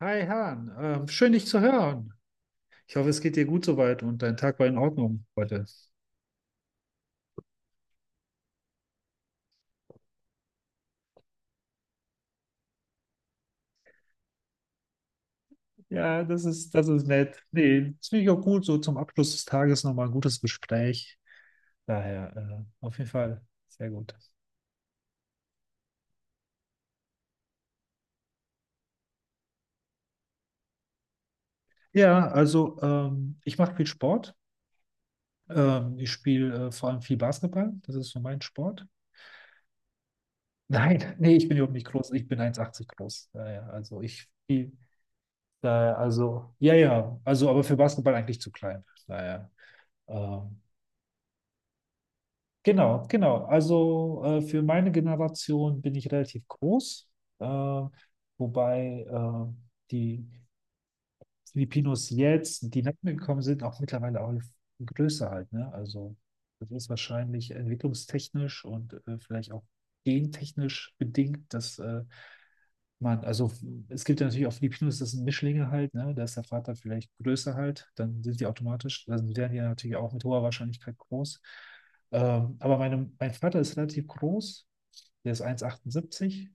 Hi Han, schön dich zu hören. Ich hoffe, es geht dir gut soweit und dein Tag war in Ordnung heute. Ja, das ist nett. Nee, das finde ich auch gut. So zum Abschluss des Tages nochmal ein gutes Gespräch. Auf jeden Fall sehr gut. Ja, also ich mache viel Sport. Ich spiele vor allem viel Basketball. Das ist so mein Sport. Nein, nee, ich bin überhaupt nicht groß. Ich bin 1,80 groß. Naja, also ich spiele, ja, ja, also aber für Basketball eigentlich zu klein. Naja. Genau, genau. Also für meine Generation bin ich relativ groß, äh, wobei die Filipinos jetzt, die nach mir gekommen sind, auch mittlerweile auch größer halt, ne? Also das ist wahrscheinlich entwicklungstechnisch und vielleicht auch gentechnisch bedingt, also es gibt ja natürlich auch Filipinos, das sind Mischlinge halt, ne? Da ist der Vater vielleicht größer halt, dann werden die natürlich auch mit hoher Wahrscheinlichkeit groß. Mein Vater ist relativ groß, der ist 1,78,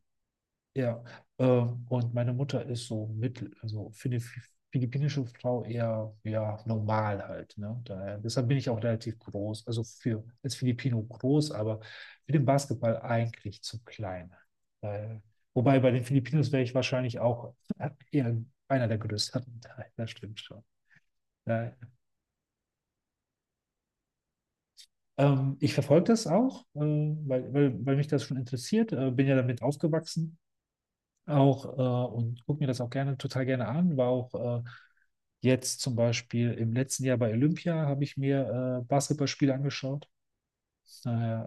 ja, und meine Mutter ist so mittel, also für eine philippinische Frau eher ja, normal halt. Ne? Deshalb bin ich auch relativ groß, also für als Filipino groß, aber für den Basketball eigentlich zu klein. Daher, wobei bei den Filipinos wäre ich wahrscheinlich auch eher einer der größeren. Daher, das stimmt schon. Daher, Ich verfolge das auch, weil mich das schon interessiert, bin ja damit aufgewachsen. Auch Und gucke mir das auch gerne, total gerne an. War auch jetzt zum Beispiel im letzten Jahr bei Olympia, habe ich mir Basketballspiele angeschaut. Äh,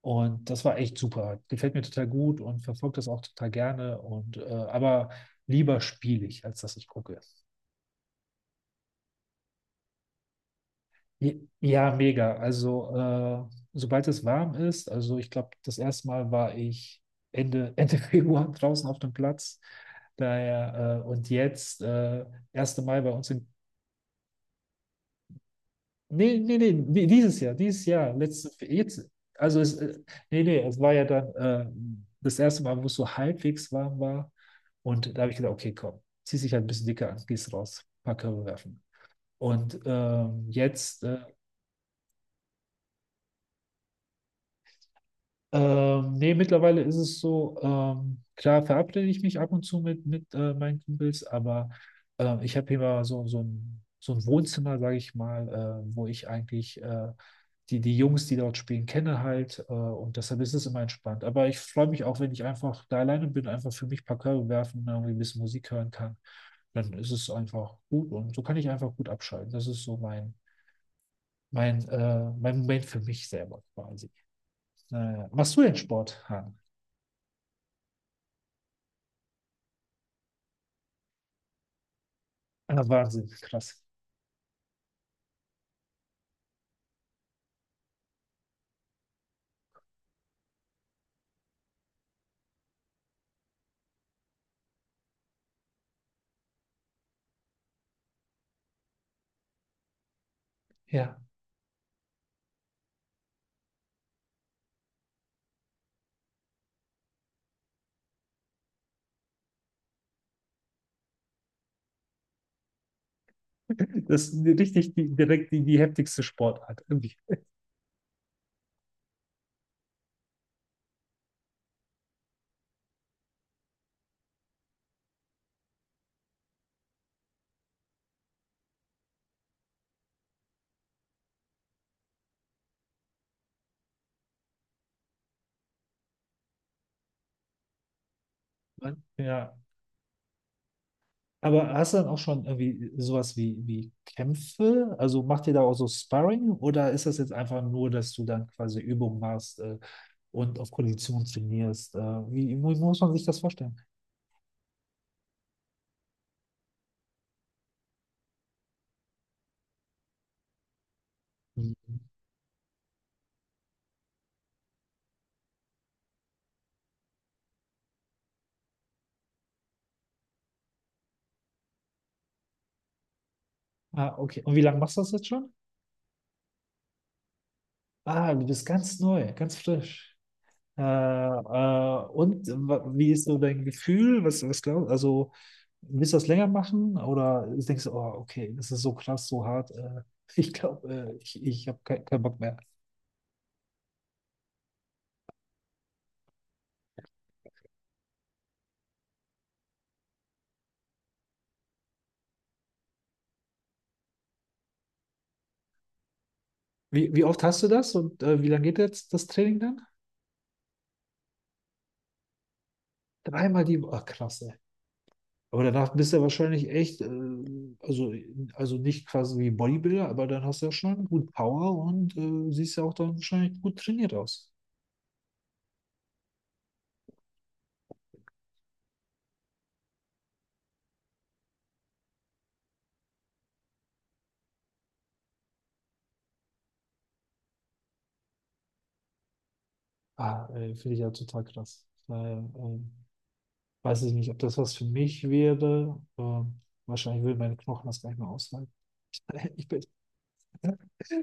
und das war echt super. Gefällt mir total gut und verfolge das auch total gerne. Und aber lieber spiele ich, als dass ich gucke. Ja, mega. Also, sobald es warm ist, also ich glaube, das erste Mal war ich Ende, Ende Februar draußen auf dem Platz. Und jetzt, erste Mal bei uns in. Nee, nee, nee, dieses Jahr, letztes, jetzt. Also, es, äh, Nee, nee, es war ja dann das erste Mal, wo es so halbwegs warm war. Und da habe ich gedacht, okay, komm, zieh dich halt ein bisschen dicker an, gehst raus, paar Körbe werfen. Und jetzt. Nee, mittlerweile ist es so, klar verabrede ich mich ab und zu mit meinen Kumpels, aber ich habe hier mal so, so ein Wohnzimmer, sage ich mal, wo ich eigentlich die, die Jungs, die dort spielen, kenne halt, und deshalb ist es immer entspannt. Aber ich freue mich auch, wenn ich einfach da alleine bin, einfach für mich ein paar Körbe werfen, irgendwie ein bisschen Musik hören kann, dann ist es einfach gut und so kann ich einfach gut abschalten. Das ist so mein Moment für mich selber quasi. Naja. Machst du denn Sport, Han? Ah, Wahnsinn, krass. Ja. Das ist richtig die heftigste Sportart. Irgendwie. Ja. Aber hast du dann auch schon irgendwie sowas wie, wie Kämpfe? Also macht ihr da auch so Sparring oder ist das jetzt einfach nur, dass du dann quasi Übungen machst und auf Kondition trainierst? Wie muss man sich das vorstellen? Mhm. Ah, okay. Und wie lange machst du das jetzt schon? Ah, du bist ganz neu, ganz frisch. Wie ist so dein Gefühl? Was glaubst du? Also, willst du das länger machen? Oder denkst du, oh, okay, das ist so krass, so hart. Ich glaube, ich habe keinen Bock mehr. Wie oft hast du das und wie lange geht jetzt das Training dann? Dreimal die Woche. Ach, krass, ey. Aber danach bist du ja wahrscheinlich echt, also, also nicht quasi wie Bodybuilder, aber dann hast du ja schon gut Power und siehst ja auch dann wahrscheinlich gut trainiert aus. Ah, finde ich ja total krass. Weiß ich nicht, ob das was für mich wäre. Wahrscheinlich würden meine Knochen das gar nicht mehr aushalten. Ich bin,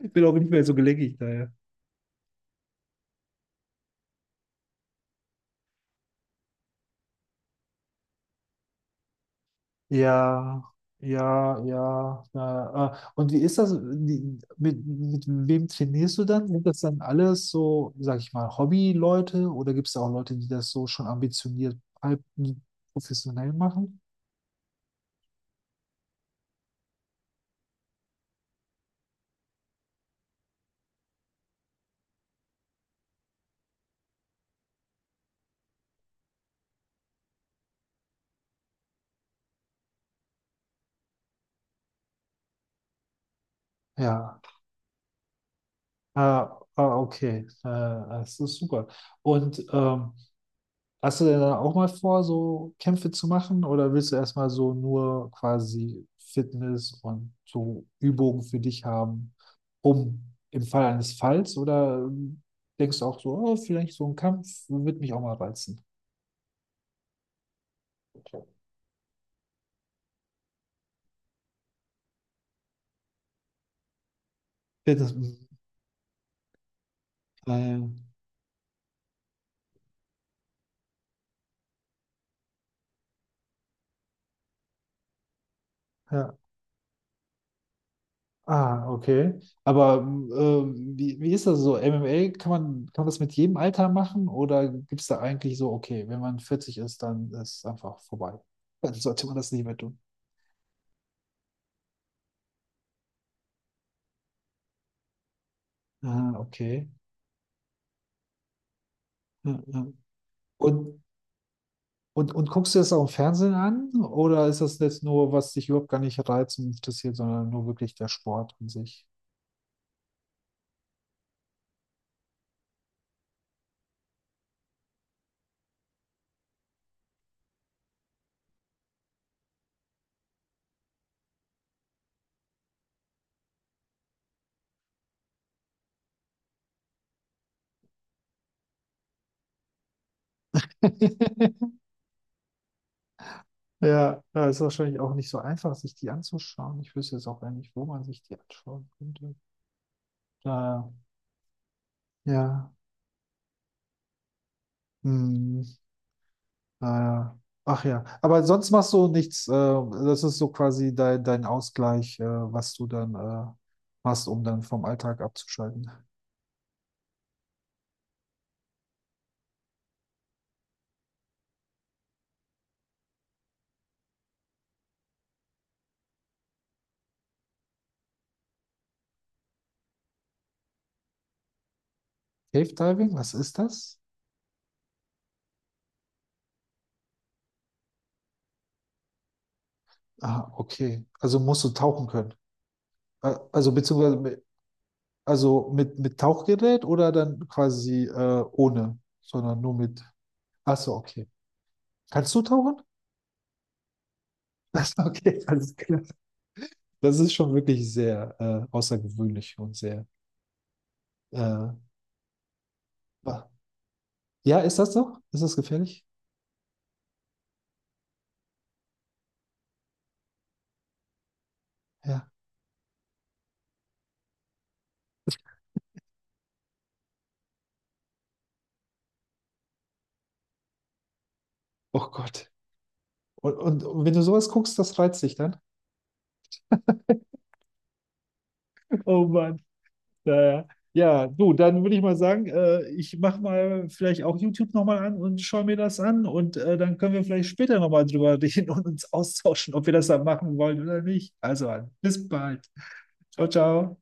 Ich bin auch nicht mehr so gelenkig daher. Ja, ja, ja. Na, und wie ist das? Mit wem trainierst du dann? Sind das dann alles so, sag ich mal, Hobby-Leute oder gibt es auch Leute, die das so schon ambitioniert, halb professionell machen? Ja, ah, ah, okay, das ist super. Und hast du denn dann auch mal vor, so Kämpfe zu machen oder willst du erstmal so nur quasi Fitness und so Übungen für dich haben, um im Fall eines Falls oder denkst du auch so, oh, vielleicht so ein Kampf wird mich auch mal reizen? Fitness, äh, ja. Ah, okay. Aber wie ist das so? MMA, kann man das mit jedem Alter machen oder gibt es da eigentlich so, okay, wenn man 40 ist, dann ist es einfach vorbei? Dann sollte man das nicht mehr. Ah, okay. Ja, ja. Und, und guckst du das auch im Fernsehen an? Oder ist das jetzt nur, was dich überhaupt gar nicht reizt und interessiert, sondern nur wirklich der Sport an sich? Ja, ja, ist wahrscheinlich auch nicht so einfach, sich die anzuschauen. Ich wüsste jetzt auch gar nicht, wo man sich die anschauen könnte. Naja, ja, ja, hm, naja. Ach ja, aber sonst machst du nichts. Das ist so quasi dein, dein Ausgleich, was du dann machst, um dann vom Alltag abzuschalten. Cave Diving, was ist das? Ah, okay. Also musst du tauchen können. Äh, Also beziehungsweise mit, also mit Tauchgerät oder dann quasi ohne, sondern nur mit. Ach so, okay. Kannst du tauchen? Ach so, okay, alles klar. Das ist schon wirklich sehr außergewöhnlich und sehr. Äh, wa- ja, ist das doch? Ist das gefährlich? Ja. Oh Gott. Und wenn du sowas guckst, das reizt dich dann. Oh Mann. Naja. Ja, ja, du, dann würde ich mal sagen, ich mache mal vielleicht auch YouTube nochmal an und schaue mir das an und dann können wir vielleicht später nochmal drüber reden und uns austauschen, ob wir das dann machen wollen oder nicht. Also, bis bald. Ciao, ciao.